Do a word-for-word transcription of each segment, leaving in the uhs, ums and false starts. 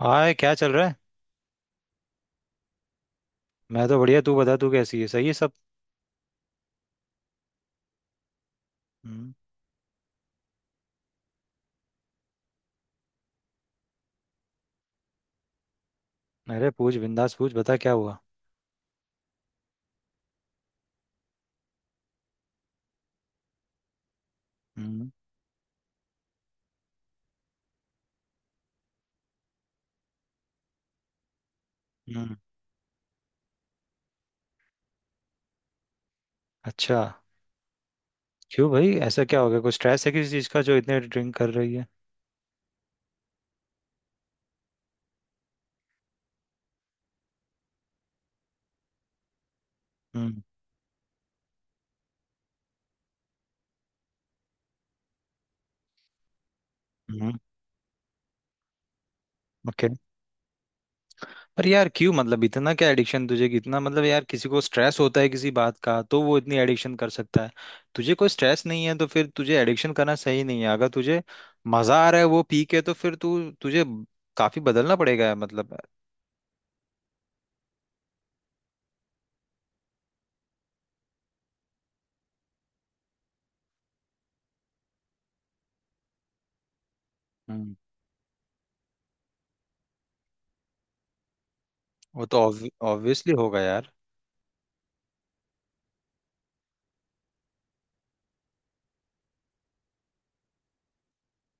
हाय, क्या चल रहा है? मैं तो बढ़िया। तू बता, तू कैसी है? सही है सब? हम्म। अरे पूछ, बिंदास पूछ, बता क्या हुआ। हम्म। हम्म। अच्छा। क्यों भाई, ऐसा क्या हो गया? कुछ स्ट्रेस है किसी चीज का जो इतने ड्रिंक कर रही है? हम्म। हम्म। ओके। पर यार क्यों, मतलब इतना क्या एडिक्शन? तुझे कितना, मतलब यार, किसी को स्ट्रेस होता है किसी बात का तो वो इतनी एडिक्शन कर सकता है। तुझे कोई स्ट्रेस नहीं है तो फिर तुझे एडिक्शन करना सही नहीं है। अगर तुझे मजा आ रहा है वो पी के तो फिर तू तुझे काफी बदलना पड़ेगा मतलब। हम्म। वो तो ऑब्वियसली होगा यार।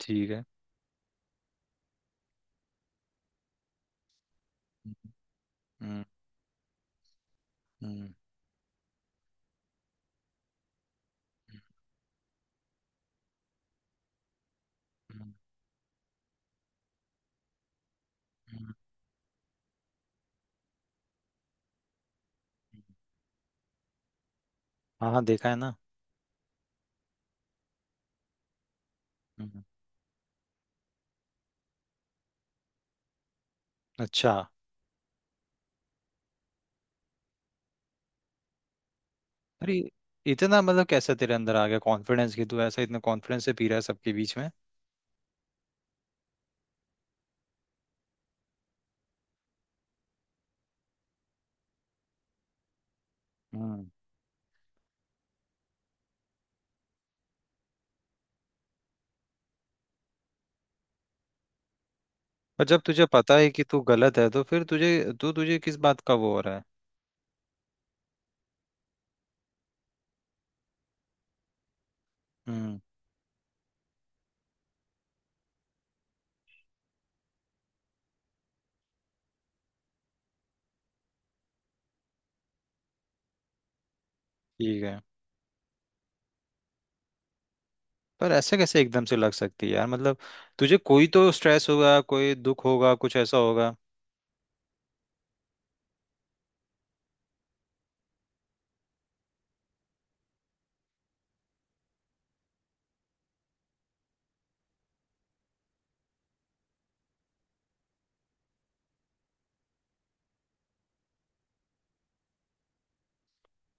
ठीक है। हम्म। हम्म। हम्म। हम्म। हाँ हाँ, देखा है ना। हम्म। अच्छा। अरे, इतना मतलब कैसे तेरे अंदर आ गया कॉन्फिडेंस कि तू ऐसा इतना कॉन्फिडेंस से पी रहा है सबके बीच में? हम्म। और जब तुझे पता है कि तू गलत है तो फिर तुझे तो तुझे किस बात का वो हो रहा है? हम्म। ठीक है। पर ऐसे कैसे एकदम से लग सकती है यार, मतलब तुझे कोई तो स्ट्रेस होगा, कोई दुख होगा, कुछ ऐसा होगा।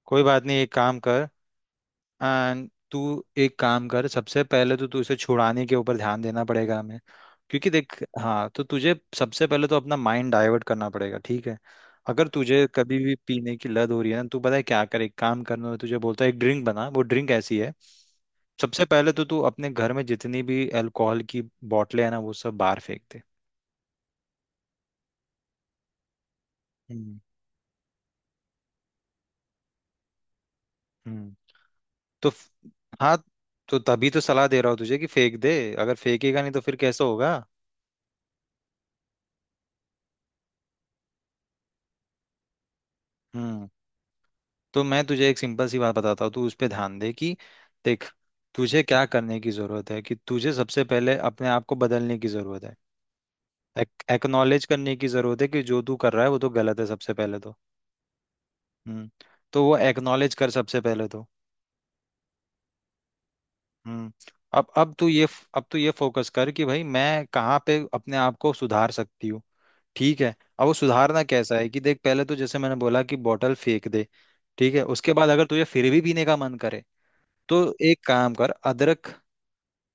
कोई बात नहीं, एक काम कर। एंड तू एक काम कर, सबसे पहले तो तू इसे छुड़ाने के ऊपर ध्यान देना पड़ेगा हमें। क्योंकि देख, हाँ, तो तुझे सबसे पहले तो अपना माइंड डाइवर्ट करना पड़ेगा, ठीक है। अगर तुझे कभी भी पीने की लत हो रही है ना, तू पता है क्या कर, एक काम करना है तुझे, बोलता है एक ड्रिंक बना, वो ड्रिंक ऐसी है। सबसे पहले तो तू अपने घर में जितनी भी अल्कोहल की बोतलें हैं ना वो सब बाहर फेंक दे। हम्म। हम्म। तो फ- हाँ, तो तभी तो सलाह दे रहा हूँ तुझे कि फेंक दे। अगर फेंकेगा नहीं तो फिर कैसा होगा? हम्म। तो मैं तुझे एक सिंपल सी बात बताता हूँ, तू उस पर ध्यान दे कि देख, तुझे क्या करने की जरूरत है कि तुझे सबसे पहले अपने आप को बदलने की जरूरत है। एक्नॉलेज करने की जरूरत है कि जो तू कर रहा है वो तो गलत है, सबसे पहले तो। हम्म। तो वो एक्नॉलेज कर सबसे पहले तो। हम्म। अब अब तू ये अब तू ये फोकस कर कि भाई मैं कहाँ पे अपने आप को सुधार सकती हूँ। ठीक है। अब वो सुधारना कैसा है कि देख, पहले तो जैसे मैंने बोला कि बॉटल फेंक दे। ठीक है, उसके बाद अगर तुझे फिर भी पीने का मन करे तो एक काम कर, अदरक,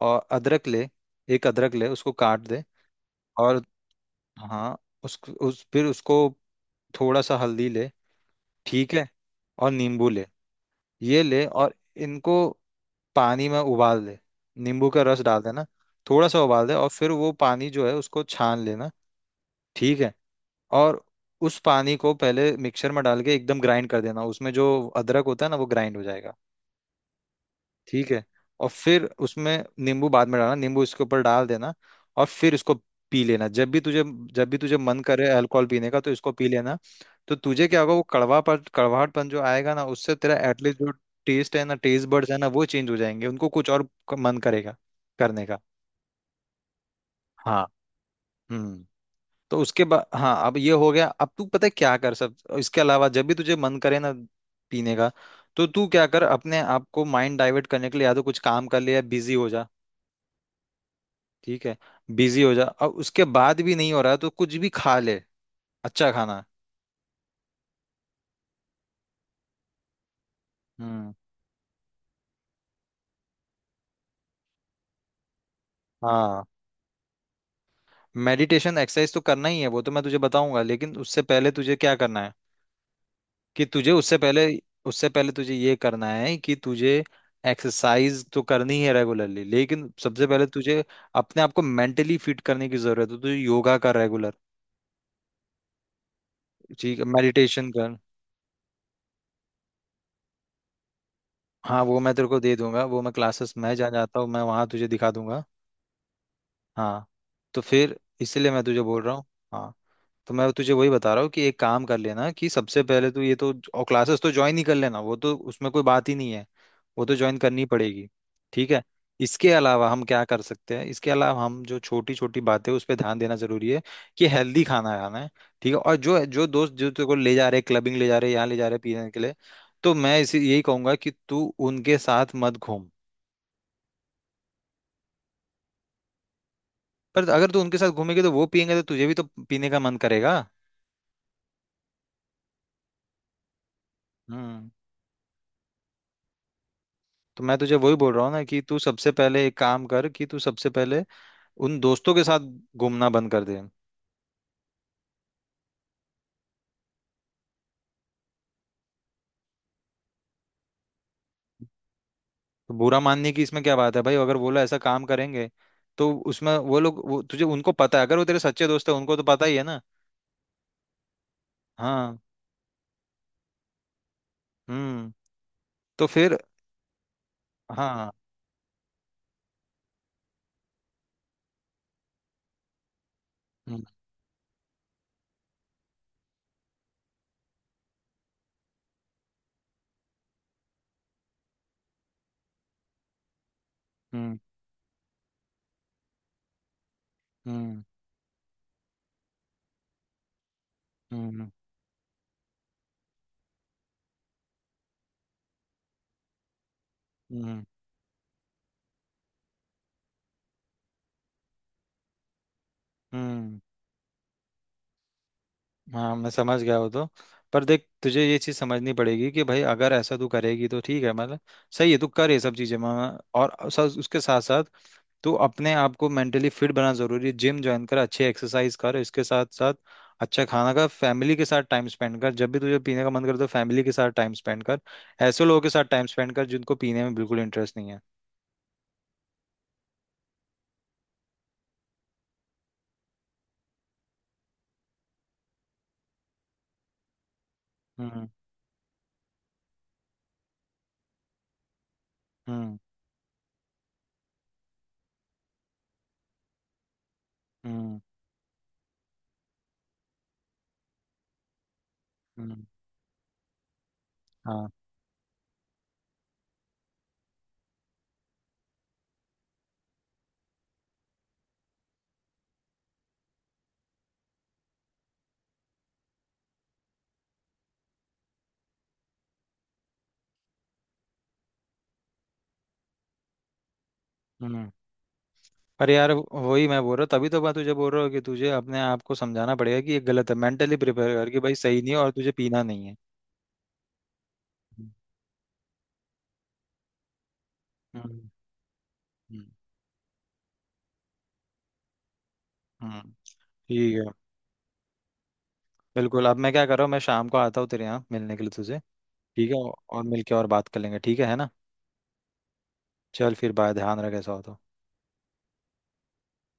और अदरक ले, एक अदरक ले उसको काट दे, और, हाँ, उस, उस फिर उसको, थोड़ा सा हल्दी ले, ठीक है, और नींबू ले, ये ले, और इनको पानी में उबाल दे, नींबू का रस डाल देना, थोड़ा सा उबाल दे और फिर वो पानी जो है उसको छान लेना, ठीक है। और उस पानी को पहले मिक्सर में डाल के एकदम ग्राइंड कर देना, उसमें जो अदरक होता है ना वो ग्राइंड हो जाएगा। ठीक है, और फिर उसमें नींबू बाद में डालना, नींबू इसके ऊपर डाल देना। और फिर इसको पी लेना, जब भी तुझे जब भी तुझे मन करे अल्कोहल पीने का तो इसको पी लेना। तो तुझे क्या होगा, वो कड़वापन कड़वाहटपन जो आएगा ना उससे तेरा एटलीस्ट जो टेस्ट है ना, टेस्ट बड्स है ना, वो चेंज हो जाएंगे। उनको कुछ और क- मन करेगा करने का। हाँ। हम्म। तो उसके बाद, हाँ, अब ये हो गया। अब तू पता है क्या कर सब इसके अलावा, जब भी तुझे मन करे ना पीने का, तो तू क्या कर, अपने आप को माइंड डाइवर्ट करने के लिए या तो कुछ काम कर ले या बिजी हो जा, ठीक है। बिजी हो जा, और उसके बाद भी नहीं हो रहा है, तो कुछ भी खा ले, अच्छा खाना। हम्म। हाँ, मेडिटेशन एक्सरसाइज तो करना ही है, वो तो मैं तुझे बताऊंगा, लेकिन उससे पहले तुझे क्या करना है कि तुझे उससे पहले उससे पहले तुझे ये करना है कि तुझे एक्सरसाइज तो करनी है रेगुलरली, लेकिन सबसे पहले तुझे अपने आप को मेंटली फिट करने की जरूरत है, तो तुझे योगा कर रेगुलर, ठीक है, मेडिटेशन कर। हाँ, वो मैं तेरे को दे दूंगा, वो मैं, क्लासेस मैं जहाँ जाता हूँ मैं वहाँ तुझे दिखा दूंगा। हाँ, तो फिर इसीलिए मैं तुझे बोल रहा हूँ। हाँ, तो मैं तुझे वही बता रहा हूँ कि एक काम कर लेना, कि सबसे पहले तो ये तो, और क्लासेस तो ज्वाइन ही कर लेना, वो तो उसमें कोई बात ही नहीं है, वो तो ज्वाइन करनी पड़ेगी, ठीक है। इसके अलावा हम क्या कर सकते हैं, इसके अलावा हम जो छोटी छोटी बातें उस पर ध्यान देना जरूरी है, कि हेल्दी खाना खाना है, ठीक है, और जो जो दोस्त जो तेरे को ले जा रहे हैं क्लबिंग, ले जा रहे हैं यहाँ, ले जा रहे हैं पीने के लिए, तो मैं इसी यही कहूंगा कि तू उनके साथ मत घूम। पर अगर तू उनके साथ घूमेगी तो वो पियेंगे तो तुझे भी तो पीने का मन करेगा। हम्म। तो मैं तुझे वही बोल रहा हूँ ना कि तू सबसे पहले एक काम कर कि तू सबसे पहले उन दोस्तों के साथ घूमना बंद कर दे। तो बुरा मानने की इसमें क्या बात है भाई, अगर वो लोग ऐसा काम करेंगे तो उसमें वो लोग वो, तुझे, उनको पता है, अगर वो तेरे सच्चे दोस्त है उनको तो पता ही है ना। हाँ। हम्म। तो फिर, हाँ। हम्म। हम्म। हम्म। हम्म। हम्म। हम्म। हाँ, मैं समझ गया वो तो। पर देख, तुझे ये चीज समझनी पड़ेगी कि भाई अगर ऐसा तू करेगी तो ठीक है, मतलब सही है तू कर ये सब चीजें मैं, और सा- उसके साथ साथ तो अपने आप को मेंटली फिट बनाना जरूरी है, जिम ज्वाइन कर, अच्छी एक्सरसाइज कर, इसके साथ साथ अच्छा खाना खा, फैमिली के साथ टाइम स्पेंड कर, जब भी तुझे पीने का मन करे तो फैमिली के साथ टाइम स्पेंड कर, ऐसे लोगों के साथ टाइम स्पेंड कर जिनको पीने में बिल्कुल इंटरेस्ट नहीं है। हम्म। हम्म। हम्म। हम्म। हाँ। हम्म। पर यार वही मैं बोल रहा हूँ, तभी तो मैं तुझे बोल रहा हूँ कि तुझे अपने आप को समझाना पड़ेगा कि ये गलत है, मेंटली प्रिपेयर कर कि भाई सही नहीं है और तुझे पीना नहीं है। हम्म। हम्म। हम्म। हम्म। ठीक है, बिल्कुल। अब मैं क्या कर रहा हूँ, मैं शाम को आता हूँ तेरे यहाँ मिलने के लिए तुझे, ठीक है, और मिलके और बात कर लेंगे, ठीक है है ना? चल फिर बाय, ध्यान रख ऐसा हो तो।